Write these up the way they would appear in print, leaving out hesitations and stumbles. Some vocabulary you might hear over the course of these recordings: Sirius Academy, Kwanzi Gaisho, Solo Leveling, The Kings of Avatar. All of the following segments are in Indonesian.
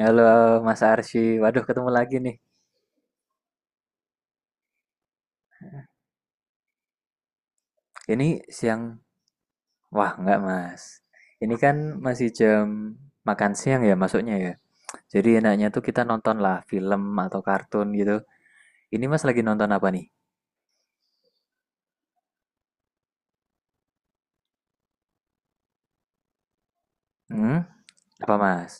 Halo Mas Arsy, waduh ketemu lagi nih. Ini siang, wah nggak Mas. Ini kan masih jam makan siang ya masuknya ya. Jadi enaknya tuh kita nonton lah film atau kartun gitu. Ini Mas lagi nonton apa nih? Hmm? Apa Mas?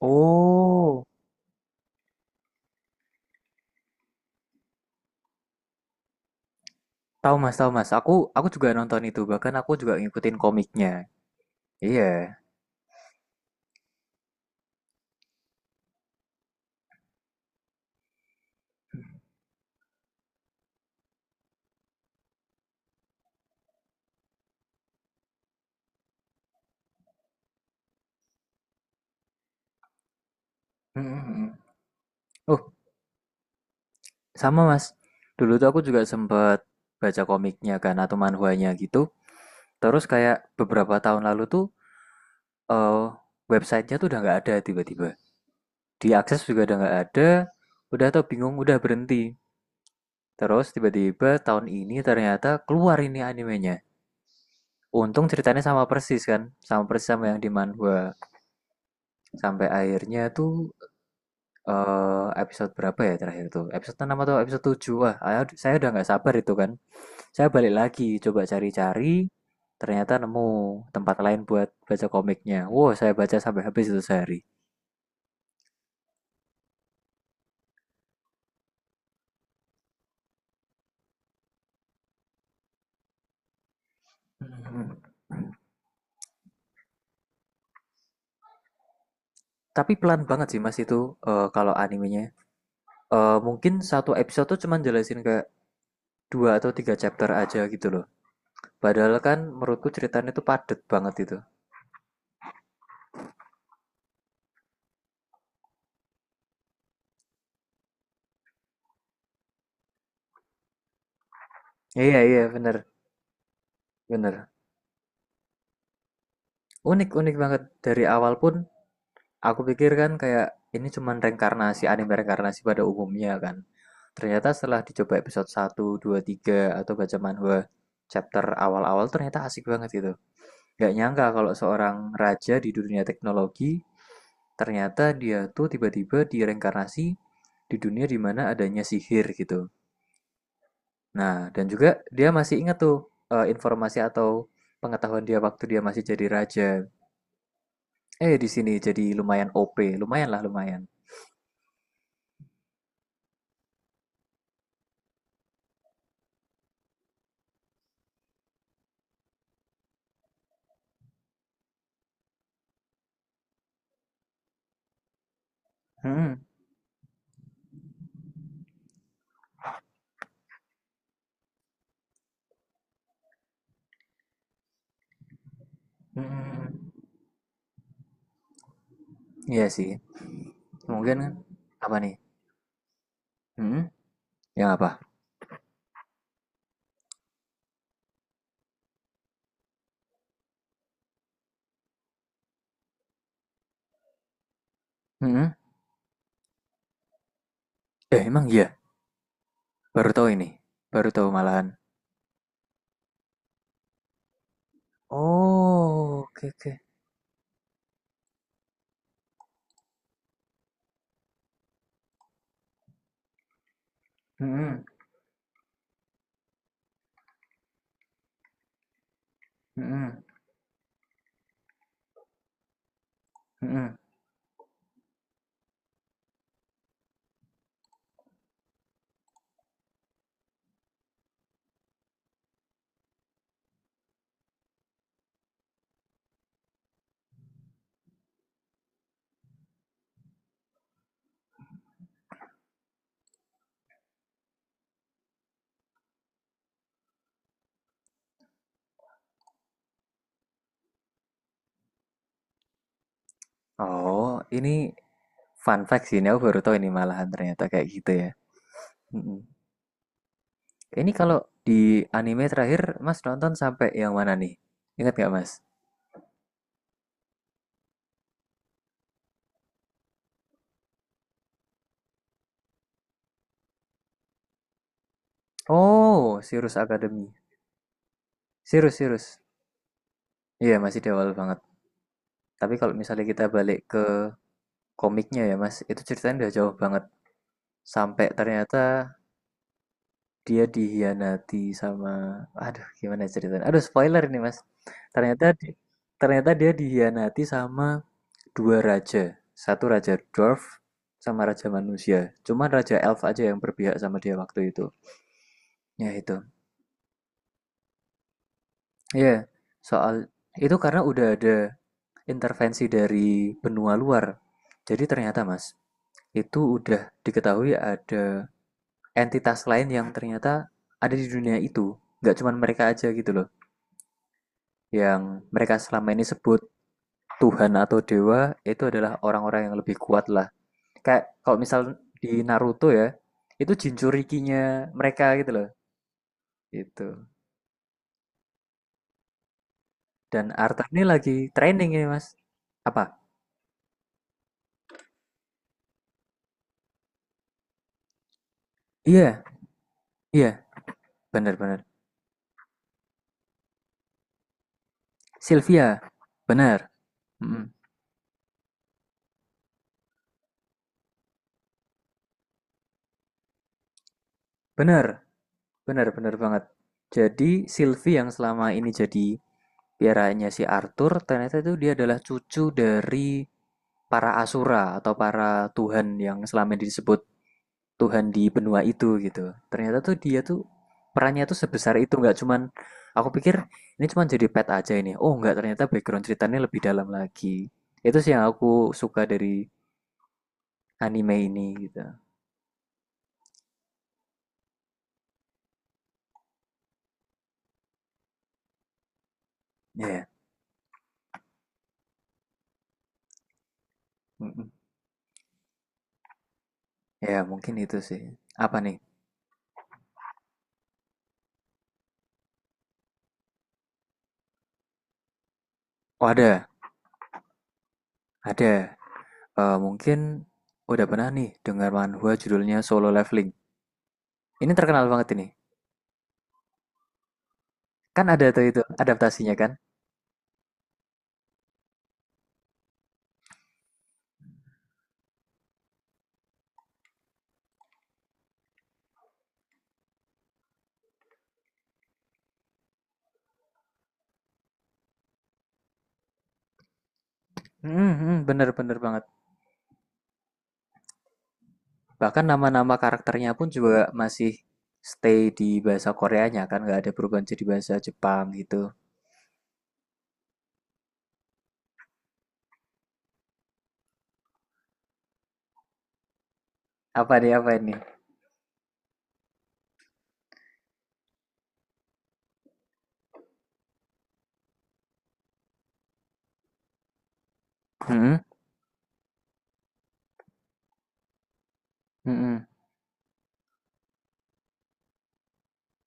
Oh, tahu Mas, tahu Mas. Aku juga nonton itu, bahkan aku juga ngikutin komiknya. Iya. mm Oh, sama Mas. Dulu tuh aku juga sempet baca komiknya kan atau manhwanya gitu. Terus kayak beberapa tahun lalu tuh eh websitenya tuh udah nggak ada tiba-tiba. Diakses juga udah nggak ada. Udah tau bingung udah berhenti. Terus tiba-tiba tahun ini ternyata keluar ini animenya. Untung ceritanya sama persis kan, sama persis sama yang di manhwa. Sampai akhirnya tuh episode berapa ya terakhir tuh? Episode 6 atau episode tujuh. Wah, saya udah nggak sabar itu kan. Saya balik lagi coba cari-cari, ternyata nemu tempat lain buat baca komiknya. Wow, saya baca sampai habis itu sehari. Mhm. Tapi pelan banget sih Mas itu, kalau animenya. Mungkin satu episode tuh cuman jelasin kayak 2 atau 3 chapter aja gitu loh. Padahal kan menurutku ceritanya tuh padet banget itu. Iya iya, bener bener. Unik unik banget. Dari awal pun aku pikir kan kayak ini cuman reinkarnasi, anime reinkarnasi pada umumnya kan. Ternyata setelah dicoba episode satu 2 3 atau baca manhwa chapter awal-awal ternyata asik banget gitu. Nggak nyangka kalau seorang raja di dunia teknologi, ternyata dia tuh tiba-tiba direinkarnasi di dunia dimana adanya sihir gitu. Nah, dan juga dia masih ingat tuh, informasi atau pengetahuan dia waktu dia masih jadi raja. Eh, di sini jadi lumayan OP, lumayan lah lumayan. Hmm, hmm, hmm, hmm. Iya sih. Mungkin apa nih? Hmm, yang apa? Hmm, eh emang iya. Baru tahu ini, baru tahu malahan. Oh, oke oke. Hmm, hmm, hmm, hmm. Oh, ini fun fact sih, ini aku baru tahu ini malahan ternyata kayak gitu ya. Mm-mm. Ini kalau di anime terakhir, Mas nonton sampai yang mana nih? Ingat nggak, Mas? Oh, Sirius Academy. Sirius, Sirius. Iya, masih di awal banget. Tapi kalau misalnya kita balik ke komiknya ya, Mas, itu ceritanya udah jauh banget. Sampai ternyata dia dihianati sama... Aduh, gimana ceritanya? Aduh, spoiler ini, Mas. Ternyata di- ternyata dia dihianati sama dua raja, satu raja dwarf sama raja manusia. Cuman raja elf aja yang berpihak sama dia waktu itu. Ya itu. Ya, yeah, soal itu karena udah ada intervensi dari benua luar. Jadi ternyata Mas, itu udah diketahui ada entitas lain yang ternyata ada di dunia itu. Nggak cuma mereka aja gitu loh. Yang mereka selama ini sebut Tuhan atau dewa itu adalah orang-orang yang lebih kuat lah. Kayak kalau misal di Naruto ya, itu Jinchurikinya mereka gitu loh. Itu. Dan Arta ini lagi training ini, Mas. Apa? Iya, iya, benar benar Sylvia, benar Mm-mm. Bener. Benar benar banget. Jadi Sylvie yang selama ini jadi piaranya si Arthur, ternyata itu dia adalah cucu dari para asura atau para tuhan yang selama ini disebut Tuhan di benua itu gitu. Ternyata tuh dia tuh perannya tuh sebesar itu nggak cuman aku pikir ini cuman jadi pet aja ini. Oh nggak ternyata background ceritanya lebih dalam lagi. Itu sih yang aku suka dari anime ini gitu. Ya, mm-mm. Ya yeah, mungkin itu sih. Apa nih? Oh ada, ada. Eh, mungkin udah pernah nih dengar manhwa judulnya Solo Leveling. Ini terkenal banget ini. Kan ada tuh itu adaptasinya kan? Hmm, bener-bener banget. Bahkan nama-nama karakternya pun juga masih stay di bahasa Koreanya kan, nggak ada perubahan jadi bahasa Jepang gitu. Apa nih apa ini? Hmm, hmm,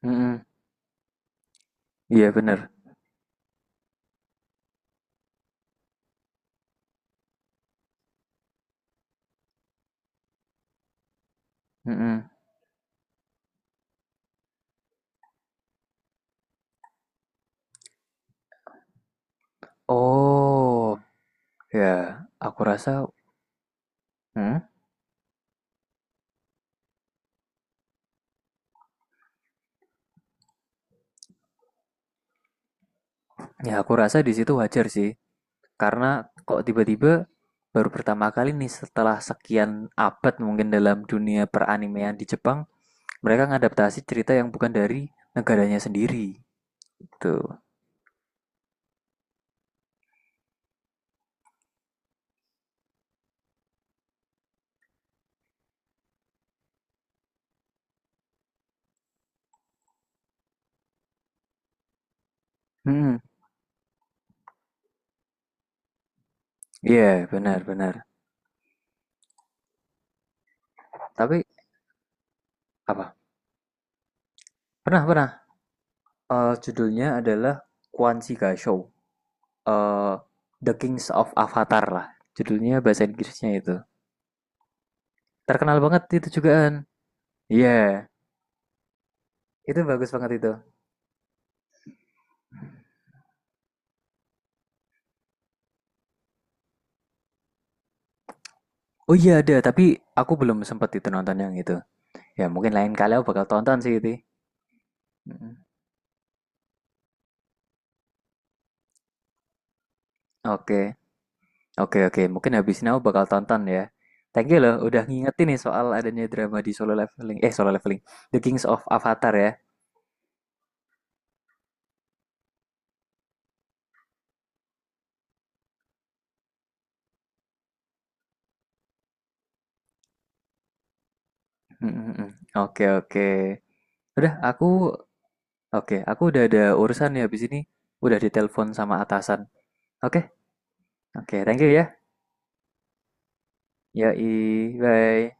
hmm, iya bener. Hmm, oh, ya aku rasa, hmm, ya aku rasa di situ wajar sih. Karena kok tiba-tiba baru pertama kali nih setelah sekian abad mungkin dalam dunia peranimean di Jepang, mereka ngadaptasi cerita yang bukan dari negaranya sendiri. Tuh. Hmm, iya yeah, benar-benar. Tapi apa? Pernah pernah. Eh, judulnya adalah Kwanzi Gaisho. Eh, The Kings of Avatar lah. Judulnya bahasa Inggrisnya itu. Terkenal banget itu jugaan. Iya, yeah. Itu bagus banget itu. Oh iya ada, tapi aku belum sempat itu nonton yang itu. Ya mungkin lain kali aku bakal tonton sih itu. Mm. Oke, oke, oke. Mungkin habis ini aku bakal tonton ya. Thank you loh, udah ngingetin nih soal adanya drama di Solo Leveling. Eh, Solo Leveling. The Kings of Avatar ya. Mm, mm, mm. Oke, oke. Udah, aku... Oke, aku udah ada urusan ya habis ini. Udah ditelepon sama atasan. Oke, oke. Thank you ya. Yoi, bye.